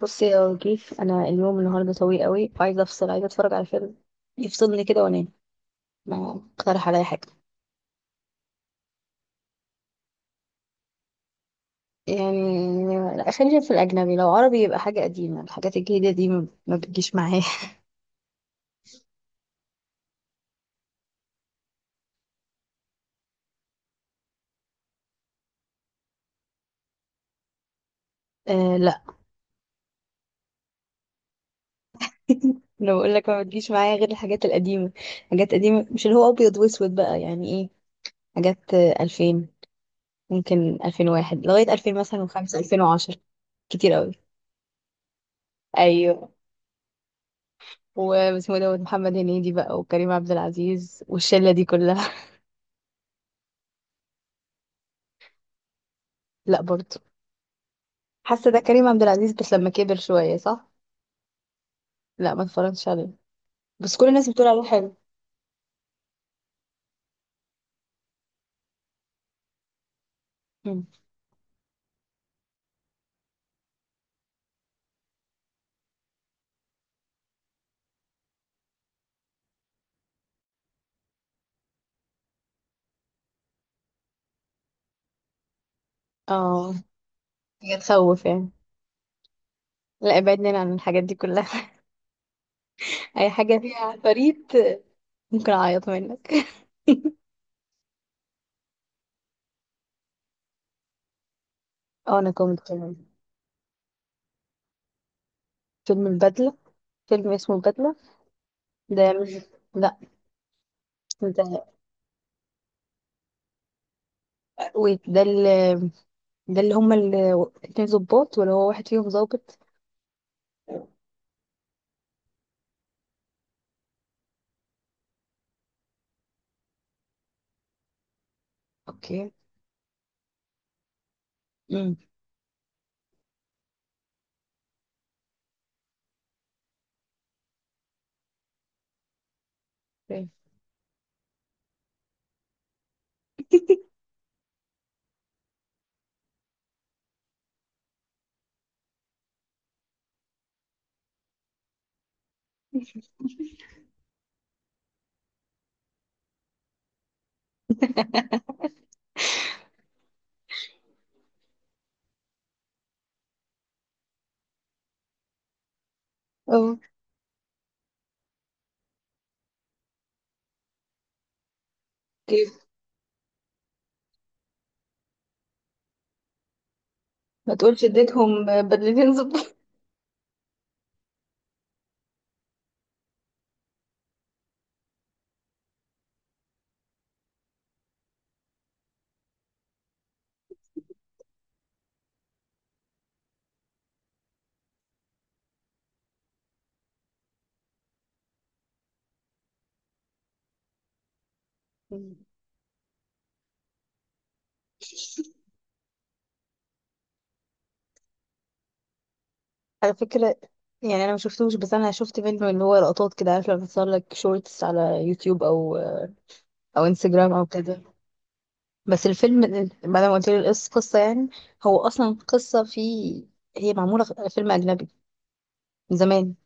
بصي يا وجيف، انا اليوم النهارده طويل قوي، عايزه افصل، عايزه اتفرج على فيلم يفصلني كده وانام. ما اقترح عليا حاجه. يعني لا، خلينا في الاجنبي. لو عربي يبقى حاجه قديمه، الحاجات الجديده دي ما بتجيش معايا. آه لا. انا بقول لك ما بتجيش معايا غير الحاجات القديمه. حاجات قديمه، مش اللي هو ابيض واسود بقى، يعني ايه، حاجات 2000، ممكن 2001 لغايه 2000 مثلا، وخمسة 2010، كتير قوي. ايوه، واسمه دوت محمد هنيدي بقى وكريم عبد العزيز والشله دي كلها. لا برضه. حاسه ده كريم عبد العزيز بس لما كبر شويه، صح؟ لا ما اتفرجتش عليه، بس كل الناس بتقول عليه حلو. مم. اه، هي تخوف يعني. لا، ابعدنا عن الحاجات دي كلها. اي حاجه فيها فريد ممكن اعيط منك. اه، انا كوميدي كمان. فيلم البدله؟ فيلم اسمه البدله؟ ده مش لا، ده ويت ده اللي ده اللي هما اللي اتنين ظباط ولا هو واحد فيهم ظابط؟ اوكي. امم اوكي. ما تقولش اديتهم بدلتين ظباط. على فكرة، يعني انا ما شفتوش، بس انا شفت منه اللي هو لقطات كده. عارف لما بتصور لك شورتس على يوتيوب او انستجرام او كده. بس الفيلم بعد ما قلت لي القصة، قصة يعني، هو اصلا قصة هي معمولة في فيلم اجنبي من زمان.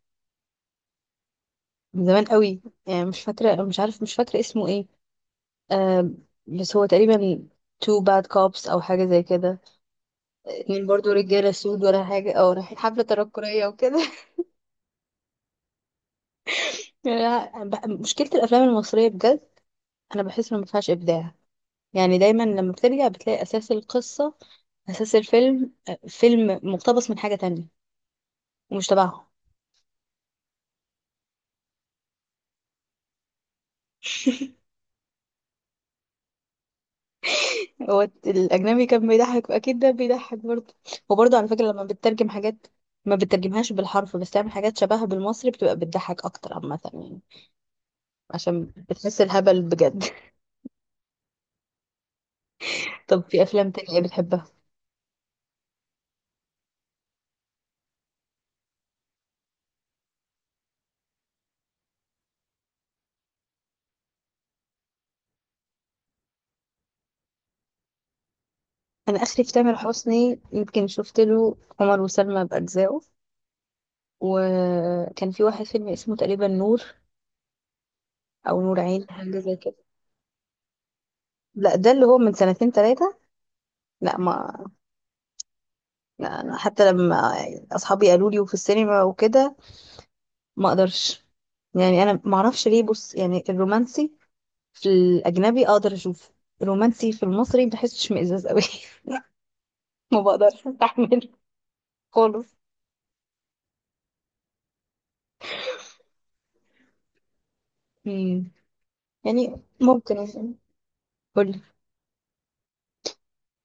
من زمان قوي، يعني مش فاكرة، مش عارف، مش فاكرة اسمه ايه. آه بس هو تقريبا تو باد كوبس او حاجة زي كده. اتنين برضو رجالة سود ولا حاجة، او رايحين حفلة تنكرية وكده. يعني مشكلة الافلام المصرية بجد، انا بحس انه ما فيهاش ابداع. يعني دايما لما بترجع بتلاقي أساس القصة، أساس الفيلم، فيلم مقتبس من حاجة تانية ومش تبعهم. هو الأجنبي كان بيضحك، أكيد ده بيضحك برضه. وبرضه على فكرة، لما بتترجم حاجات ما بتترجمهاش بالحرف، بس تعمل حاجات شبهها بالمصري بتبقى بتضحك أكتر عامة يعني، عشان بتحس الهبل بجد. طب في أفلام تانية إيه بتحبها؟ أنا آخري في تامر حسني يمكن شفت له عمر وسلمى بأجزائه، وكان في واحد فيلم اسمه تقريبا نور، أو نور عين، حاجة زي كده. لا، ده اللي هو من سنتين ثلاثة. لا ما لا، أنا حتى لما أصحابي قالوا لي وفي السينما وكده ما أقدرش. يعني أنا ما أعرفش ليه. بص يعني، الرومانسي في الأجنبي أقدر أشوفه، الرومانسي في المصري بحسش مئزاز قوي. ما بقدرش أستحمله خالص. مم. يعني ممكن مثلا. قولي.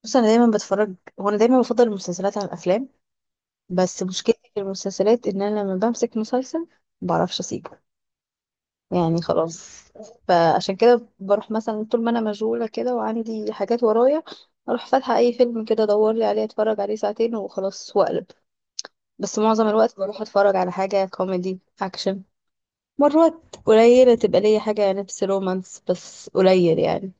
بص، أنا دايما بتفرج. هو أنا دايما بفضل المسلسلات على الأفلام. بس مشكلتي في المسلسلات، إن أنا لما بمسك مسلسل ما بعرفش أسيبه. يعني خلاص. فعشان كده بروح مثلا، طول ما انا مشغولة كده وعندي حاجات ورايا، اروح فاتحة اي فيلم كده، ادور لي عليه، اتفرج عليه ساعتين وخلاص واقلب. بس معظم الوقت بروح اتفرج على حاجة كوميدي اكشن. مرات قليلة تبقى ليا حاجة نفس رومانس، بس قليل يعني.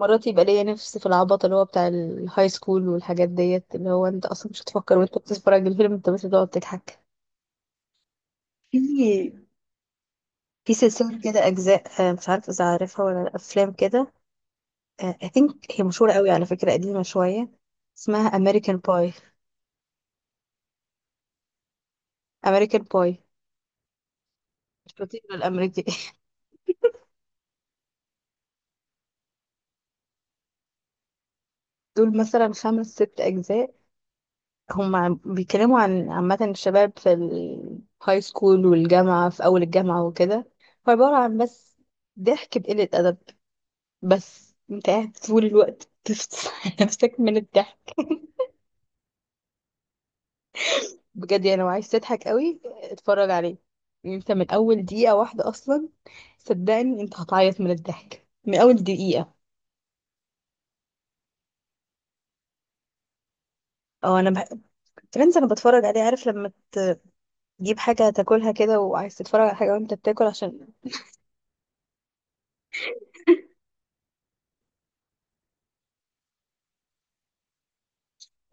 مرات يبقى ليا نفس في العبط، اللي هو بتاع الهاي سكول والحاجات ديت، اللي هو انت اصلا مش هتفكر وانت بتتفرج الفيلم، انت بس بتقعد تضحك. في في سلسلة كده أجزاء، مش عارفة إذا عارفها ولا لأ، أفلام كده. I think هي مشهورة قوي على فكرة، قديمة شوية، اسمها أمريكان باي. أمريكان باي، الفطيرة الأمريكي. دول مثلا خمس ست أجزاء، هم بيتكلموا عن عامة الشباب في الهاي سكول والجامعة، في أول الجامعة وكده. هو عبارة عن بس ضحك بقلة أدب، بس انت قاعد طول الوقت بتفصل نفسك من الضحك. بجد يعني، لو عايز تضحك قوي اتفرج عليه. يعني انت من أول دقيقة واحدة أصلا، صدقني انت هتعيط من الضحك من أول دقيقة. اه، فريندز انا بتفرج عليه. عارف لما تجيب حاجه تاكلها كده وعايز تتفرج على حاجه وانت بتاكل، عشان.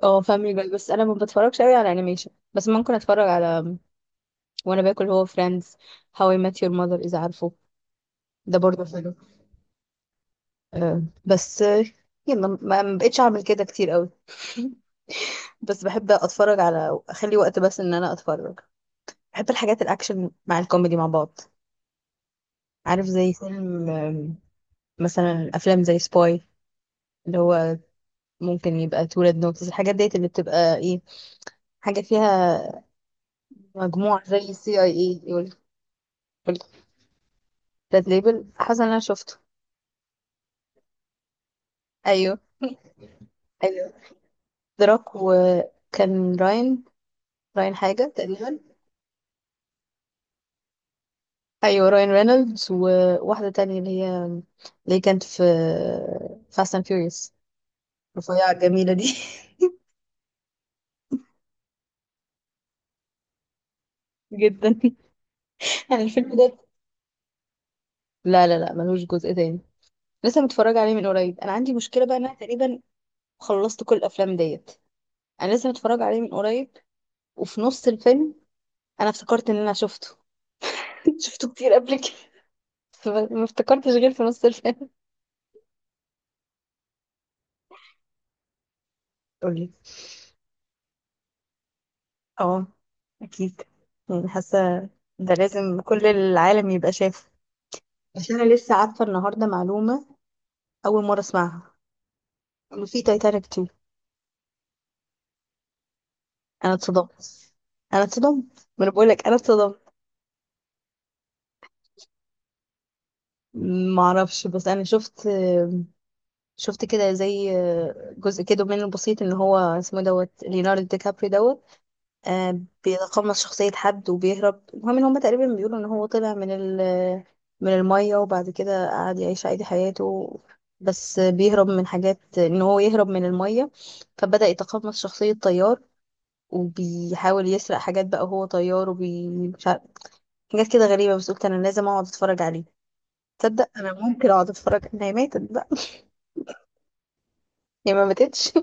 اه، فاميلي جاي، بس انا ما بتفرجش قوي على انيميشن، بس ممكن اتفرج على وانا باكل هو فريندز، هاو اي مات يور ماذر اذا عارفه. ده برضه حلو. آه، بس آه، يلا ما بقتش اعمل كده كتير قوي. بس بحب اتفرج، على اخلي وقت بس ان انا اتفرج. بحب الحاجات الاكشن مع الكوميدي مع بعض، عارف زي فيلم، مثلا افلام زي سباي، اللي هو ممكن يبقى تولد نوتس، الحاجات ديت اللي بتبقى ايه. حاجة فيها مجموع زي السي اي اي، يقول. ريد ليبل؟ حصل انا شفته. ايوه. ايوه، دراك وكان راين، راين حاجة تقريبا. ايوه، راين رينولدز، وواحدة تانية اللي هي اللي كانت في فاست اند فيوريوس. رفيعة الجميلة دي. جدا. انا الفيلم ده، لا لا لا، ملهوش جزء تاني. لسه متفرج عليه من قريب. انا عندي مشكلة بقى، ان انا تقريبا خلصت كل الافلام ديت. انا لسه متفرج عليه من قريب، وفي نص الفيلم انا افتكرت ان انا شفته. شفته كتير قبل كده. بس ما افتكرتش غير في نص الفيلم. قولي. اه، اكيد، يعني حاسه ده لازم كل العالم يبقى شافه. بس انا لسه عارفه النهارده معلومه اول مره اسمعها، انه في تايتانيك 2. انا اتصدمت. انا اتصدمت، ما انا بقول لك انا اتصدمت. ما اعرفش، بس انا شفت كده زي جزء كده منه بسيط، ان هو اسمه دوت ليوناردو دي كابري دوت. بيتقمص شخصية حد وبيهرب. المهم ان هما تقريبا بيقولوا ان هو طلع من من المية، وبعد كده قعد يعيش عادي حياته. بس بيهرب من حاجات، ان هو يهرب من المية، فبدأ يتقمص شخصية طيار، وبيحاول يسرق حاجات بقى وهو طيار، مش عارف، حاجات كده غريبة، بس قلت انا لازم اقعد اتفرج عليه. تصدق، انا ممكن اقعد اتفرج. انا هي ماتت بقى؟ هي ما ماتتش.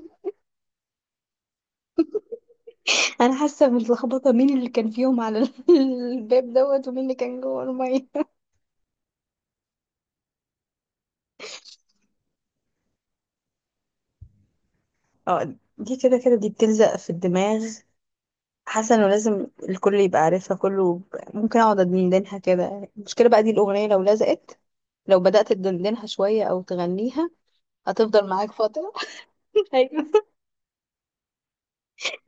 انا حاسه باللخبطه مين اللي كان فيهم على الباب دوت ومين اللي كان جوه الميه. اه، دي كده كده دي بتلزق في الدماغ. حاسه انه لازم الكل يبقى عارفها كله. ممكن اقعد ادندنها كده. المشكله بقى دي الاغنيه، لو لزقت، لو بدات تدندنها شويه او تغنيها هتفضل معاك فتره. ايوه،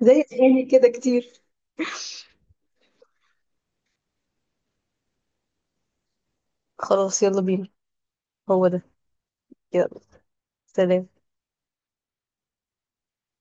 زي اغاني كده كتير. خلاص يلا بينا. هو ده. يلا، سلام.